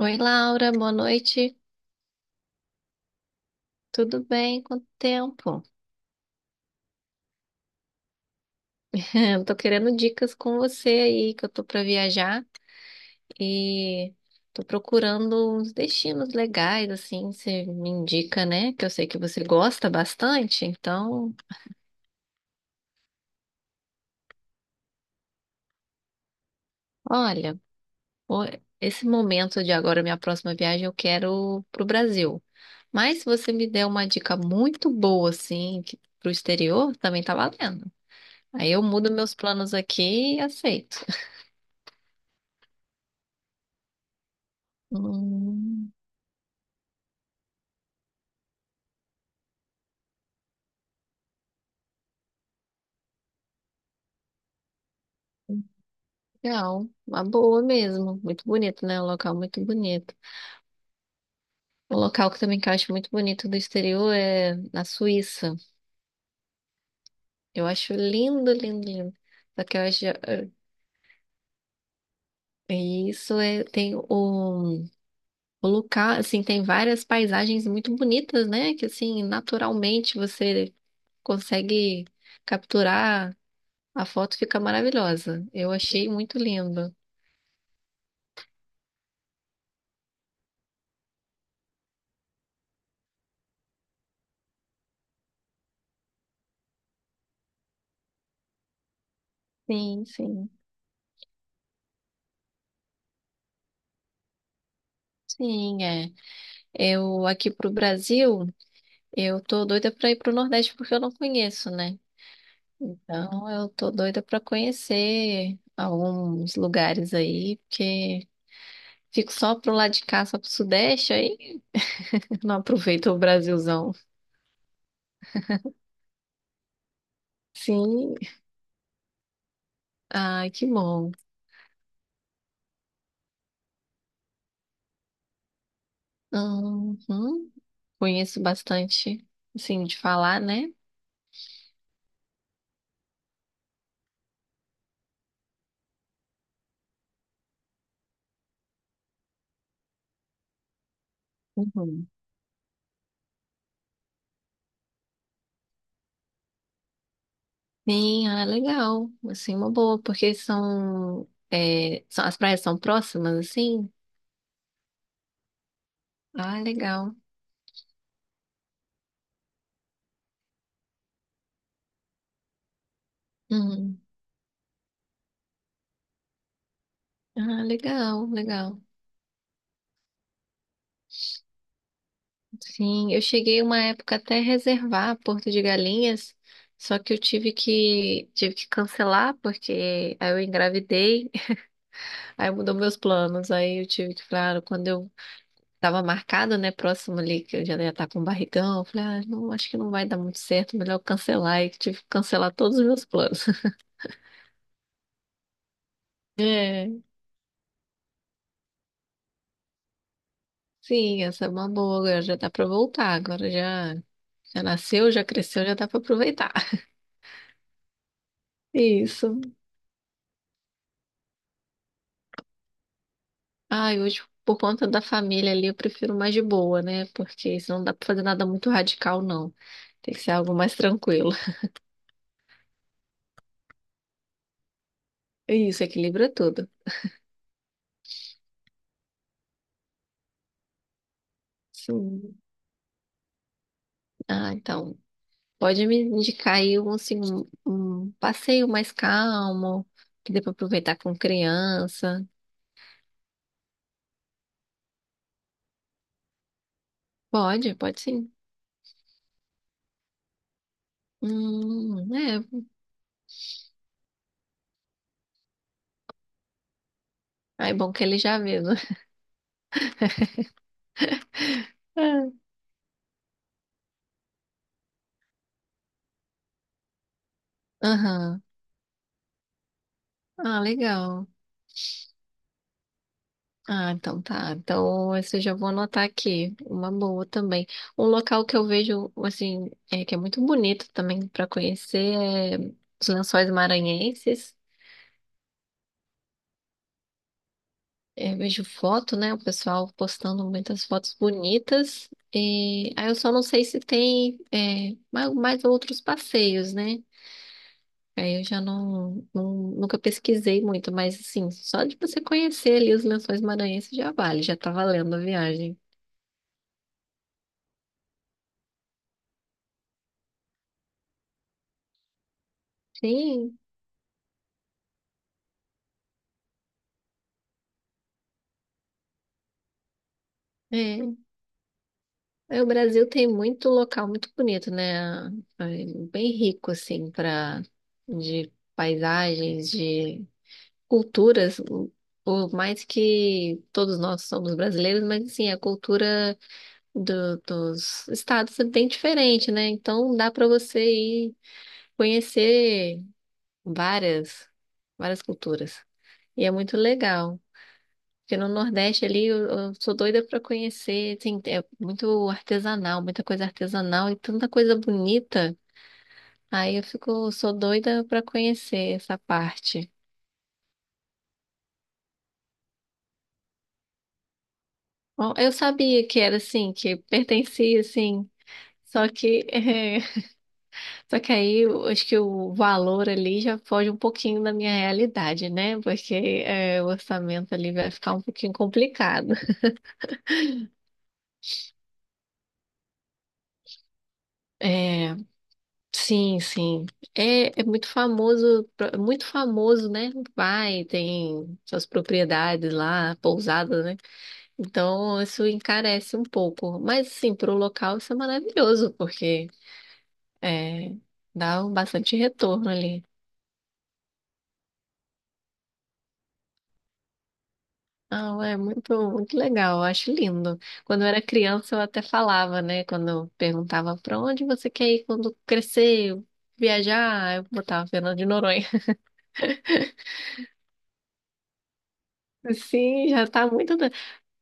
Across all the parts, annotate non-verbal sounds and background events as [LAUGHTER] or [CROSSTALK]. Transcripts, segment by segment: Oi, Laura, boa noite. Tudo bem? Quanto tempo? [LAUGHS] Eu tô querendo dicas com você aí, que eu tô pra viajar e tô procurando uns destinos legais, assim, você me indica, né? Que eu sei que você gosta bastante. Então, olha, o- esse momento de agora, minha próxima viagem, eu quero pro Brasil. Mas se você me der uma dica muito boa, assim, que, pro exterior, também tá valendo. Aí eu mudo meus planos aqui e aceito. Hum. Legal, uma boa mesmo. Muito bonito, né? Um local muito bonito. Um local que também que eu acho muito bonito do exterior é na Suíça. Eu acho lindo, lindo, lindo. Só que eu acho. eh, eh, Isso é, tem o local, assim, tem várias paisagens muito bonitas, né? Que assim, naturalmente você consegue capturar, a foto fica maravilhosa. Eu achei muito lindo. Sim, sim, é. Eu aqui pro Brasil. Eu tô doida pra ir pro Nordeste porque eu não conheço, né? Então eu tô doida pra conhecer alguns lugares aí, porque fico só pro lado de cá, só pro Sudeste aí, não aproveito o Brasilzão. Sim, ai, que bom. Uhum. Conheço bastante, assim, de falar, né? Uhum. Sim, ah, legal. Assim, uma boa, porque são, é, são as praias são próximas, assim. Ah, legal. Uhum. Ah, legal, legal. Sim, eu cheguei uma época até reservar Porto de Galinhas, só que eu tive que cancelar porque aí eu engravidei, [LAUGHS] aí mudou meus planos, aí eu tive que, claro, quando eu tava marcado, né, próximo ali que eu já ia estar com um barrigão, eu falei, ah, não, acho que não vai dar muito certo, melhor eu cancelar, e tive que cancelar todos os meus planos. [LAUGHS] É, sim, essa é uma boa, agora já dá pra voltar, agora já nasceu, já cresceu, já dá pra aproveitar. [LAUGHS] Isso. Ai, hoje, por conta da família ali, eu prefiro mais de boa, né? Porque senão não dá pra fazer nada muito radical, não. Tem que ser algo mais tranquilo. [LAUGHS] Isso, equilibra tudo. Sim. Ah, então, pode me indicar aí um passeio mais calmo, que dê pra aproveitar com criança. Pode, pode sim. É. Ah, é bom que ele já vê, né? [LAUGHS] É. Aham. Ah, legal. Ah, então tá. Então, esse eu já vou anotar aqui. Uma boa também. Um local que eu vejo, assim, é, que é muito bonito também para conhecer é os Lençóis Maranhenses. É, eu vejo foto, né? O pessoal postando muitas fotos bonitas. E aí eu só não sei se tem é, mais outros passeios, né? Aí eu já nunca pesquisei muito, mas assim, só de você conhecer ali os Lençóis Maranhenses já vale, já tá valendo a viagem. Sim. É. É, o Brasil tem muito local muito bonito, né? É bem rico, assim, para de paisagens, de culturas. Por mais que todos nós somos brasileiros, mas assim, a cultura dos estados é bem diferente, né? Então dá para você ir conhecer várias, várias culturas. E é muito legal. Porque no Nordeste ali eu sou doida para conhecer, assim, é muito artesanal, muita coisa artesanal e tanta coisa bonita. Aí eu fico, sou doida para conhecer essa parte. Bom, eu sabia que era assim, que pertencia assim, só que [LAUGHS] só que aí eu acho que o valor ali já foge um pouquinho da minha realidade, né? Porque o orçamento ali vai ficar um pouquinho complicado. É, sim, sim. É, é muito famoso, né? Vai, tem suas propriedades lá, pousadas, né? Então, isso encarece um pouco. Mas, assim, para o local isso é maravilhoso, porque é, dá um bastante retorno ali. Ah, é muito, muito legal, eu acho lindo. Quando eu era criança, eu até falava, né? Quando eu perguntava para onde você quer ir quando crescer, viajar, eu botava Fernando de Noronha. [LAUGHS] Sim, já tá muito.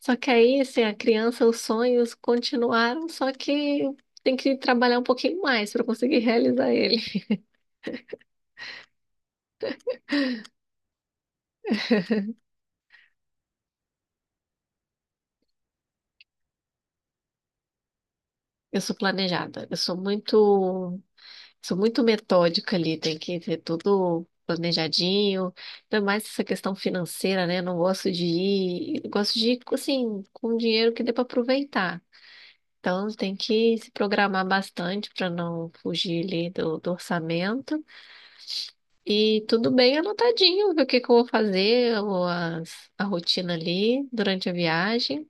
Só que aí, assim, a criança, os sonhos continuaram, só que tem que trabalhar um pouquinho mais para conseguir realizar ele. Eu sou planejada, sou muito metódica ali, tem que ter tudo planejadinho, ainda mais essa questão financeira, né? Eu não gosto de ir, eu gosto de ir, assim, com dinheiro que dê para aproveitar. Então, tem que se programar bastante para não fugir ali do orçamento. E tudo bem anotadinho, ver o que que eu vou fazer, ou a rotina ali durante a viagem.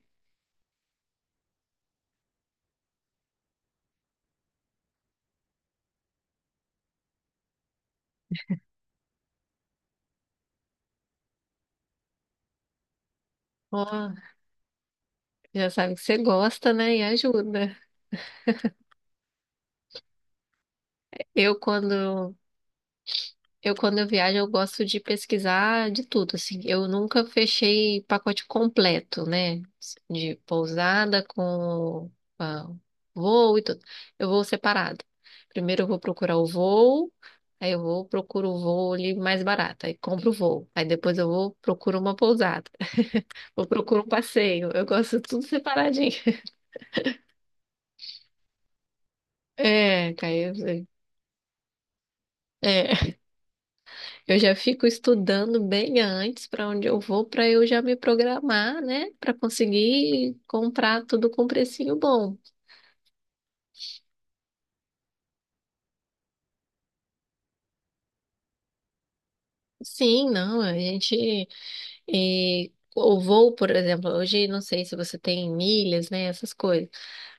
Ó, já sabe que você gosta, né? E ajuda. Eu quando eu quando eu viajo, eu gosto de pesquisar de tudo, assim. Eu nunca fechei pacote completo, né? De pousada com ah, voo e tudo. Eu vou separado. Primeiro eu vou procurar o voo. Aí eu vou, procuro o voo ali mais barato, aí compro o voo. Aí depois eu vou, procuro uma pousada. Eu procuro um passeio. Eu gosto de tudo separadinho. [LAUGHS] É, Caio, eu sei. É, eu já fico estudando bem antes para onde eu vou, para eu já me programar, né? Para conseguir comprar tudo com precinho bom. Sim, não, a gente. E o voo, por exemplo, hoje não sei se você tem milhas, né? Essas coisas.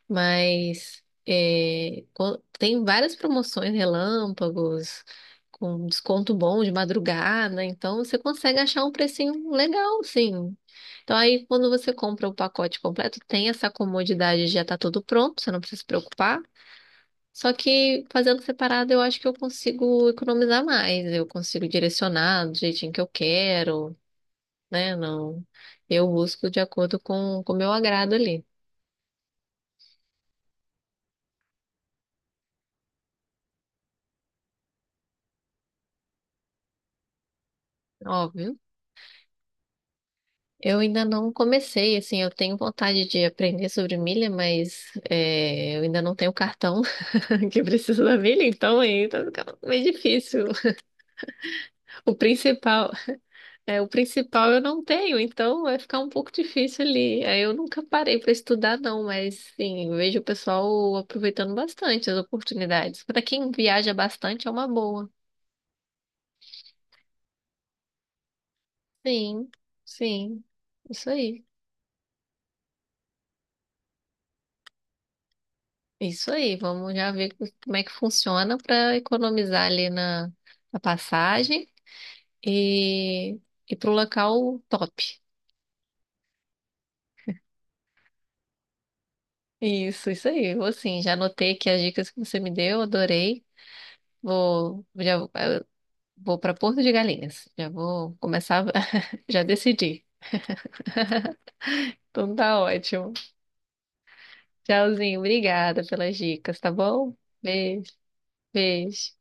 Mas é, tem várias promoções relâmpagos, com desconto bom de madrugada, então você consegue achar um precinho legal, sim. Então aí quando você compra o pacote completo, tem essa comodidade de já estar tudo pronto, você não precisa se preocupar. Só que fazendo separado, eu acho que eu consigo economizar mais, eu consigo direcionar do jeitinho que eu quero, né? Não, eu busco de acordo com o meu agrado ali. Óbvio. Eu ainda não comecei, assim, eu tenho vontade de aprender sobre milha, mas é, eu ainda não tenho o cartão [LAUGHS] que precisa da milha, então aí tá ficando meio difícil. O principal, o principal eu não tenho, então vai ficar um pouco difícil ali. Aí eu nunca parei para estudar, não, mas sim, eu vejo o pessoal aproveitando bastante as oportunidades. Para quem viaja bastante é uma boa. Sim, sim, isso aí. Isso aí, vamos já ver como é que funciona para economizar ali na, na passagem e ir para o local top. Isso aí. Vou sim, já anotei aqui as dicas que você me deu, adorei. Eu vou para Porto de Galinhas. Já vou começar, [LAUGHS] já decidi. Então tá ótimo. Tchauzinho, obrigada pelas dicas, tá bom? Beijo, beijo.